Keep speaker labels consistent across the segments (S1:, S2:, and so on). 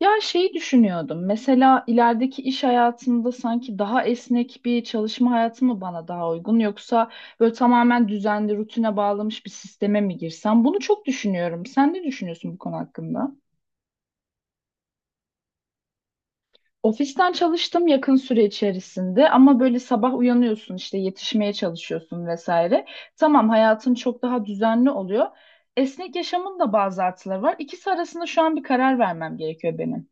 S1: Ya şeyi düşünüyordum. Mesela ilerideki iş hayatımda sanki daha esnek bir çalışma hayatı mı bana daha uygun yoksa böyle tamamen düzenli rutine bağlamış bir sisteme mi girsem? Bunu çok düşünüyorum. Sen ne düşünüyorsun bu konu hakkında? Ofisten çalıştım yakın süre içerisinde ama böyle sabah uyanıyorsun işte yetişmeye çalışıyorsun vesaire. Tamam hayatın çok daha düzenli oluyor. Esnek yaşamın da bazı artıları var. İkisi arasında şu an bir karar vermem gerekiyor benim.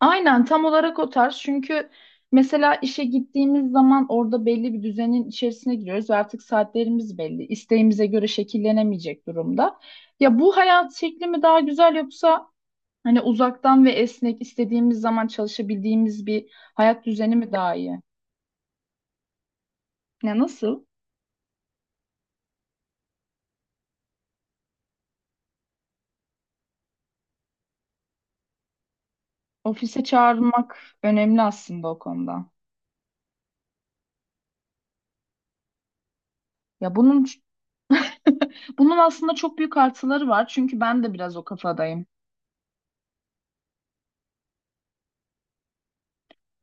S1: Aynen tam olarak o tarz. Çünkü mesela işe gittiğimiz zaman orada belli bir düzenin içerisine giriyoruz ve artık saatlerimiz belli. İsteğimize göre şekillenemeyecek durumda. Ya bu hayat şekli mi daha güzel yoksa hani uzaktan ve esnek istediğimiz zaman çalışabildiğimiz bir hayat düzeni mi daha iyi? Ya nasıl? Ofise çağrılmak önemli aslında o konuda. Ya bunun bunun aslında çok büyük artıları var. Çünkü ben de biraz o kafadayım.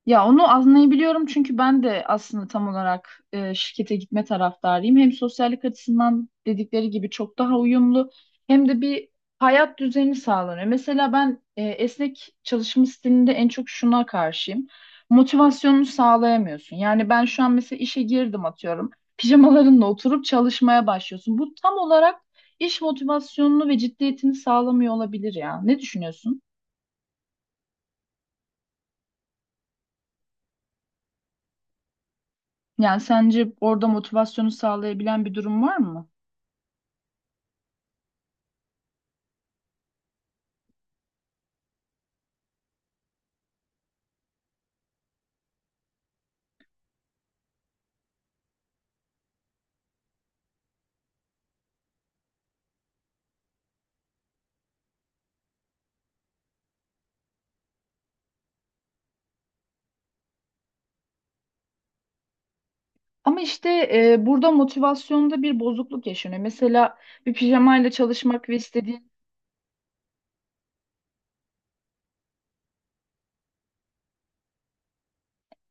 S1: Ya onu anlayabiliyorum çünkü ben de aslında tam olarak şirkete gitme taraftarıyım. Hem sosyallik açısından dedikleri gibi çok daha uyumlu hem de bir hayat düzeni sağlanıyor. Mesela ben esnek çalışma stilinde en çok şuna karşıyım. Motivasyonunu sağlayamıyorsun. Yani ben şu an mesela işe girdim atıyorum. Pijamalarınla oturup çalışmaya başlıyorsun. Bu tam olarak iş motivasyonunu ve ciddiyetini sağlamıyor olabilir ya. Ne düşünüyorsun? Yani sence orada motivasyonu sağlayabilen bir durum var mı? Ama işte burada motivasyonda bir bozukluk yaşanıyor. Mesela bir pijamayla çalışmak ve istediğin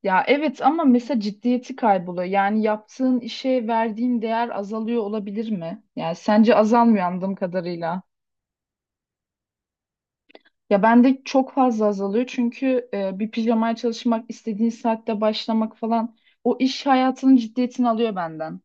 S1: ya evet ama mesela ciddiyeti kayboluyor. Yani yaptığın işe verdiğin değer azalıyor olabilir mi? Yani sence azalmıyor anladığım kadarıyla. Ya bende çok fazla azalıyor çünkü bir pijamaya çalışmak, istediğin saatte başlamak falan o iş hayatının ciddiyetini alıyor benden.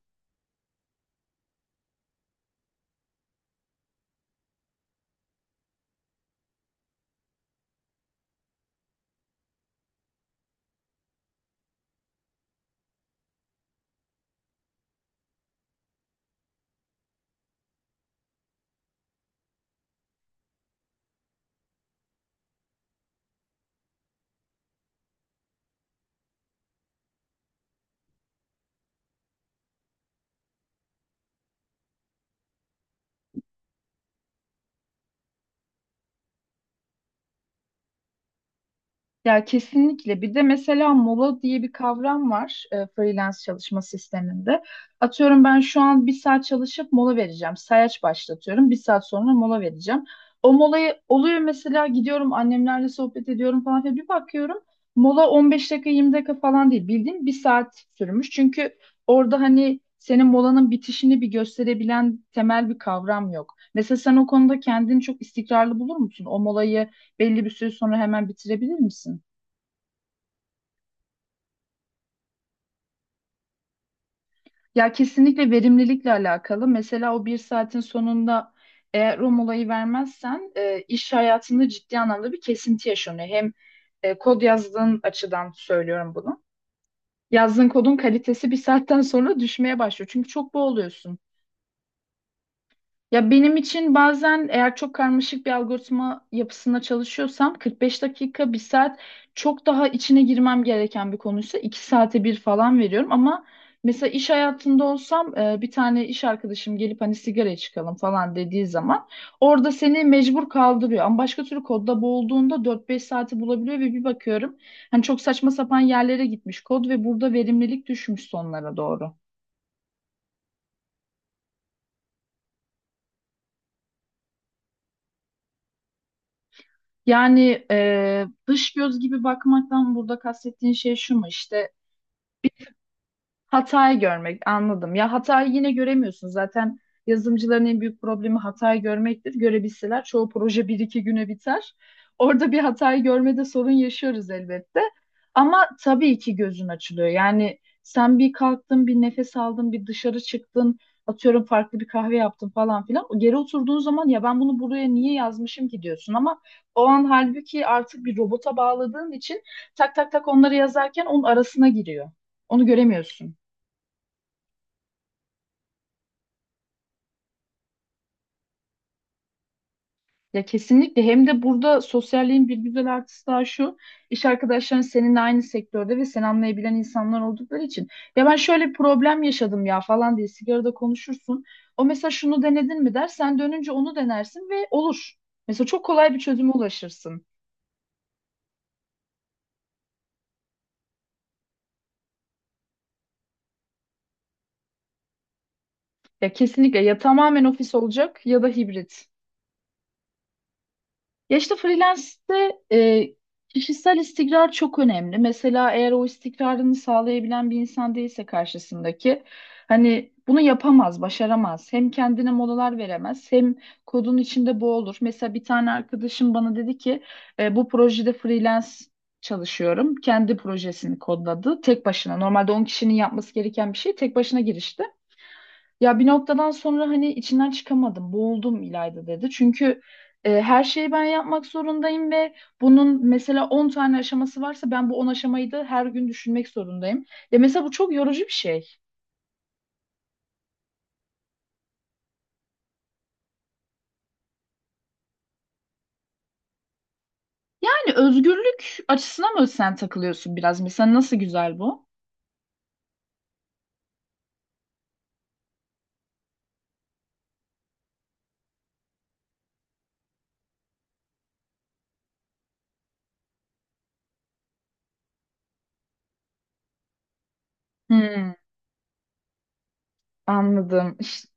S1: Ya kesinlikle. Bir de mesela mola diye bir kavram var freelance çalışma sisteminde. Atıyorum ben şu an bir saat çalışıp mola vereceğim. Sayaç başlatıyorum. Bir saat sonra mola vereceğim. O molayı oluyor mesela gidiyorum annemlerle sohbet ediyorum falan filan. Bir bakıyorum mola 15 dakika 20 dakika falan değil. Bildiğin bir saat sürmüş. Çünkü orada hani senin molanın bitişini bir gösterebilen temel bir kavram yok. Mesela sen o konuda kendini çok istikrarlı bulur musun? O molayı belli bir süre sonra hemen bitirebilir misin? Ya kesinlikle verimlilikle alakalı. Mesela o bir saatin sonunda eğer o molayı vermezsen iş hayatında ciddi anlamda bir kesinti yaşanıyor. Hem kod yazdığın açıdan söylüyorum bunu. Yazdığın kodun kalitesi bir saatten sonra düşmeye başlıyor. Çünkü çok boğuluyorsun. Ya benim için bazen eğer çok karmaşık bir algoritma yapısında çalışıyorsam 45 dakika, bir saat çok daha içine girmem gereken bir konuysa 2 saate bir falan veriyorum. Ama mesela iş hayatında olsam bir tane iş arkadaşım gelip hani sigaraya çıkalım falan dediği zaman orada seni mecbur kaldırıyor. Ama başka türlü kodda boğulduğunda 4-5 saati bulabiliyor ve bir bakıyorum hani çok saçma sapan yerlere gitmiş kod ve burada verimlilik düşmüş sonlara doğru. Yani dış göz gibi bakmaktan burada kastettiğin şey şu mu? İşte. Hatayı görmek, anladım. Ya hatayı yine göremiyorsun. Zaten yazılımcıların en büyük problemi hatayı görmektir. Görebilseler çoğu proje bir iki güne biter. Orada bir hatayı görmede sorun yaşıyoruz elbette. Ama tabii ki gözün açılıyor. Yani sen bir kalktın, bir nefes aldın, bir dışarı çıktın, atıyorum farklı bir kahve yaptın falan filan. O Geri oturduğun zaman ya ben bunu buraya niye yazmışım ki diyorsun ama o an halbuki artık bir robota bağladığın için tak tak tak onları yazarken onun arasına giriyor. Onu göremiyorsun. Ya kesinlikle hem de burada sosyalliğin bir güzel artısı daha şu iş arkadaşların seninle aynı sektörde ve seni anlayabilen insanlar oldukları için ya ben şöyle bir problem yaşadım ya falan diye sigarada konuşursun. O mesela şunu denedin mi der sen dönünce onu denersin ve olur. Mesela çok kolay bir çözüme ulaşırsın. Ya kesinlikle ya tamamen ofis olacak ya da hibrit. Ya işte freelance'de kişisel istikrar çok önemli. Mesela eğer o istikrarını sağlayabilen bir insan değilse karşısındaki hani bunu yapamaz, başaramaz. Hem kendine molalar veremez hem kodun içinde boğulur. Mesela bir tane arkadaşım bana dedi ki bu projede freelance çalışıyorum. Kendi projesini kodladı tek başına. Normalde 10 kişinin yapması gereken bir şey tek başına girişti. Ya bir noktadan sonra hani içinden çıkamadım, boğuldum İlayda dedi. Çünkü her şeyi ben yapmak zorundayım ve bunun mesela 10 tane aşaması varsa ben bu 10 aşamayı da her gün düşünmek zorundayım. Ya mesela bu çok yorucu bir şey. Yani özgürlük açısına mı sen takılıyorsun biraz? Mesela nasıl güzel bu? Hmm, anladım. İşte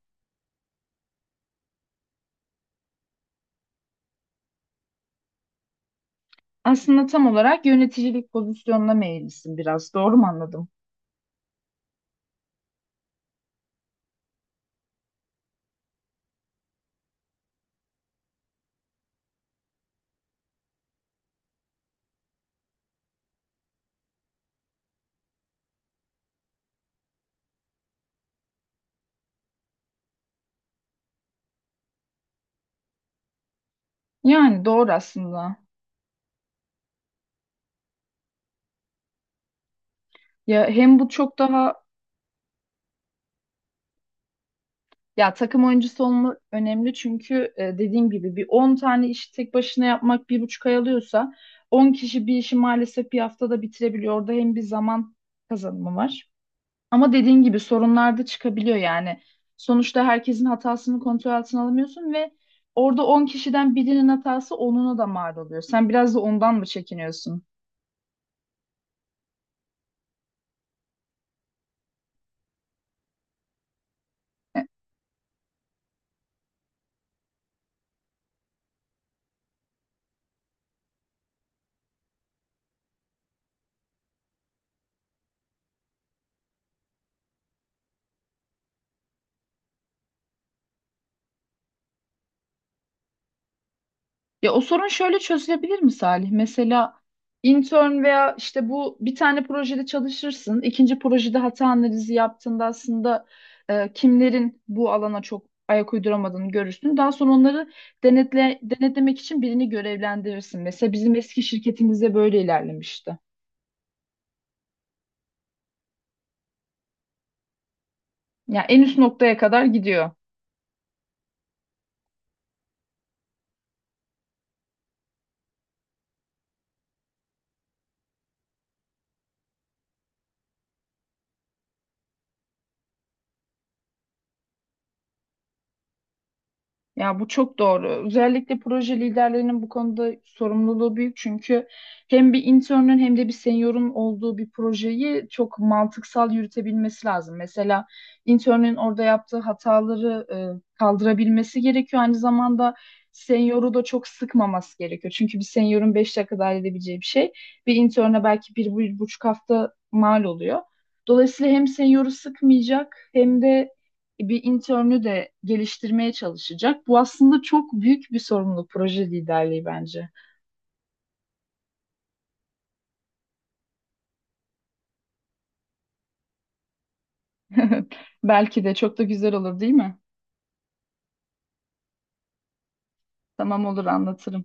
S1: aslında tam olarak yöneticilik pozisyonuna meyillisin biraz. Doğru mu anladım? Yani doğru aslında. Ya hem bu çok daha Ya takım oyuncusu olma önemli çünkü dediğim gibi bir 10 tane işi tek başına yapmak bir buçuk ay alıyorsa 10 kişi bir işi maalesef bir haftada bitirebiliyor. Orada hem bir zaman kazanımı var. Ama dediğin gibi sorunlar da çıkabiliyor yani. Sonuçta herkesin hatasını kontrol altına alamıyorsun ve orada 10 kişiden birinin hatası onuna da mal oluyor. Sen biraz da ondan mı çekiniyorsun? Ya o sorun şöyle çözülebilir mi Salih? Mesela intern veya işte bu bir tane projede çalışırsın. İkinci projede hata analizi yaptığında aslında kimlerin bu alana çok ayak uyduramadığını görürsün. Daha sonra onları denetlemek için birini görevlendirirsin. Mesela bizim eski şirketimizde böyle ilerlemişti. Ya en üst noktaya kadar gidiyor. Ya bu çok doğru. Özellikle proje liderlerinin bu konuda sorumluluğu büyük çünkü hem bir internün hem de bir seniorun olduğu bir projeyi çok mantıksal yürütebilmesi lazım. Mesela internün orada yaptığı hataları kaldırabilmesi gerekiyor. Aynı zamanda senioru da çok sıkmaması gerekiyor. Çünkü bir seniorun 5 dakikada halledebileceği bir şey bir interne belki bir, bir buçuk hafta mal oluyor. Dolayısıyla hem senioru sıkmayacak hem de bir internü de geliştirmeye çalışacak. Bu aslında çok büyük bir sorumluluk proje liderliği bence. Belki de çok da güzel olur değil mi? Tamam olur anlatırım.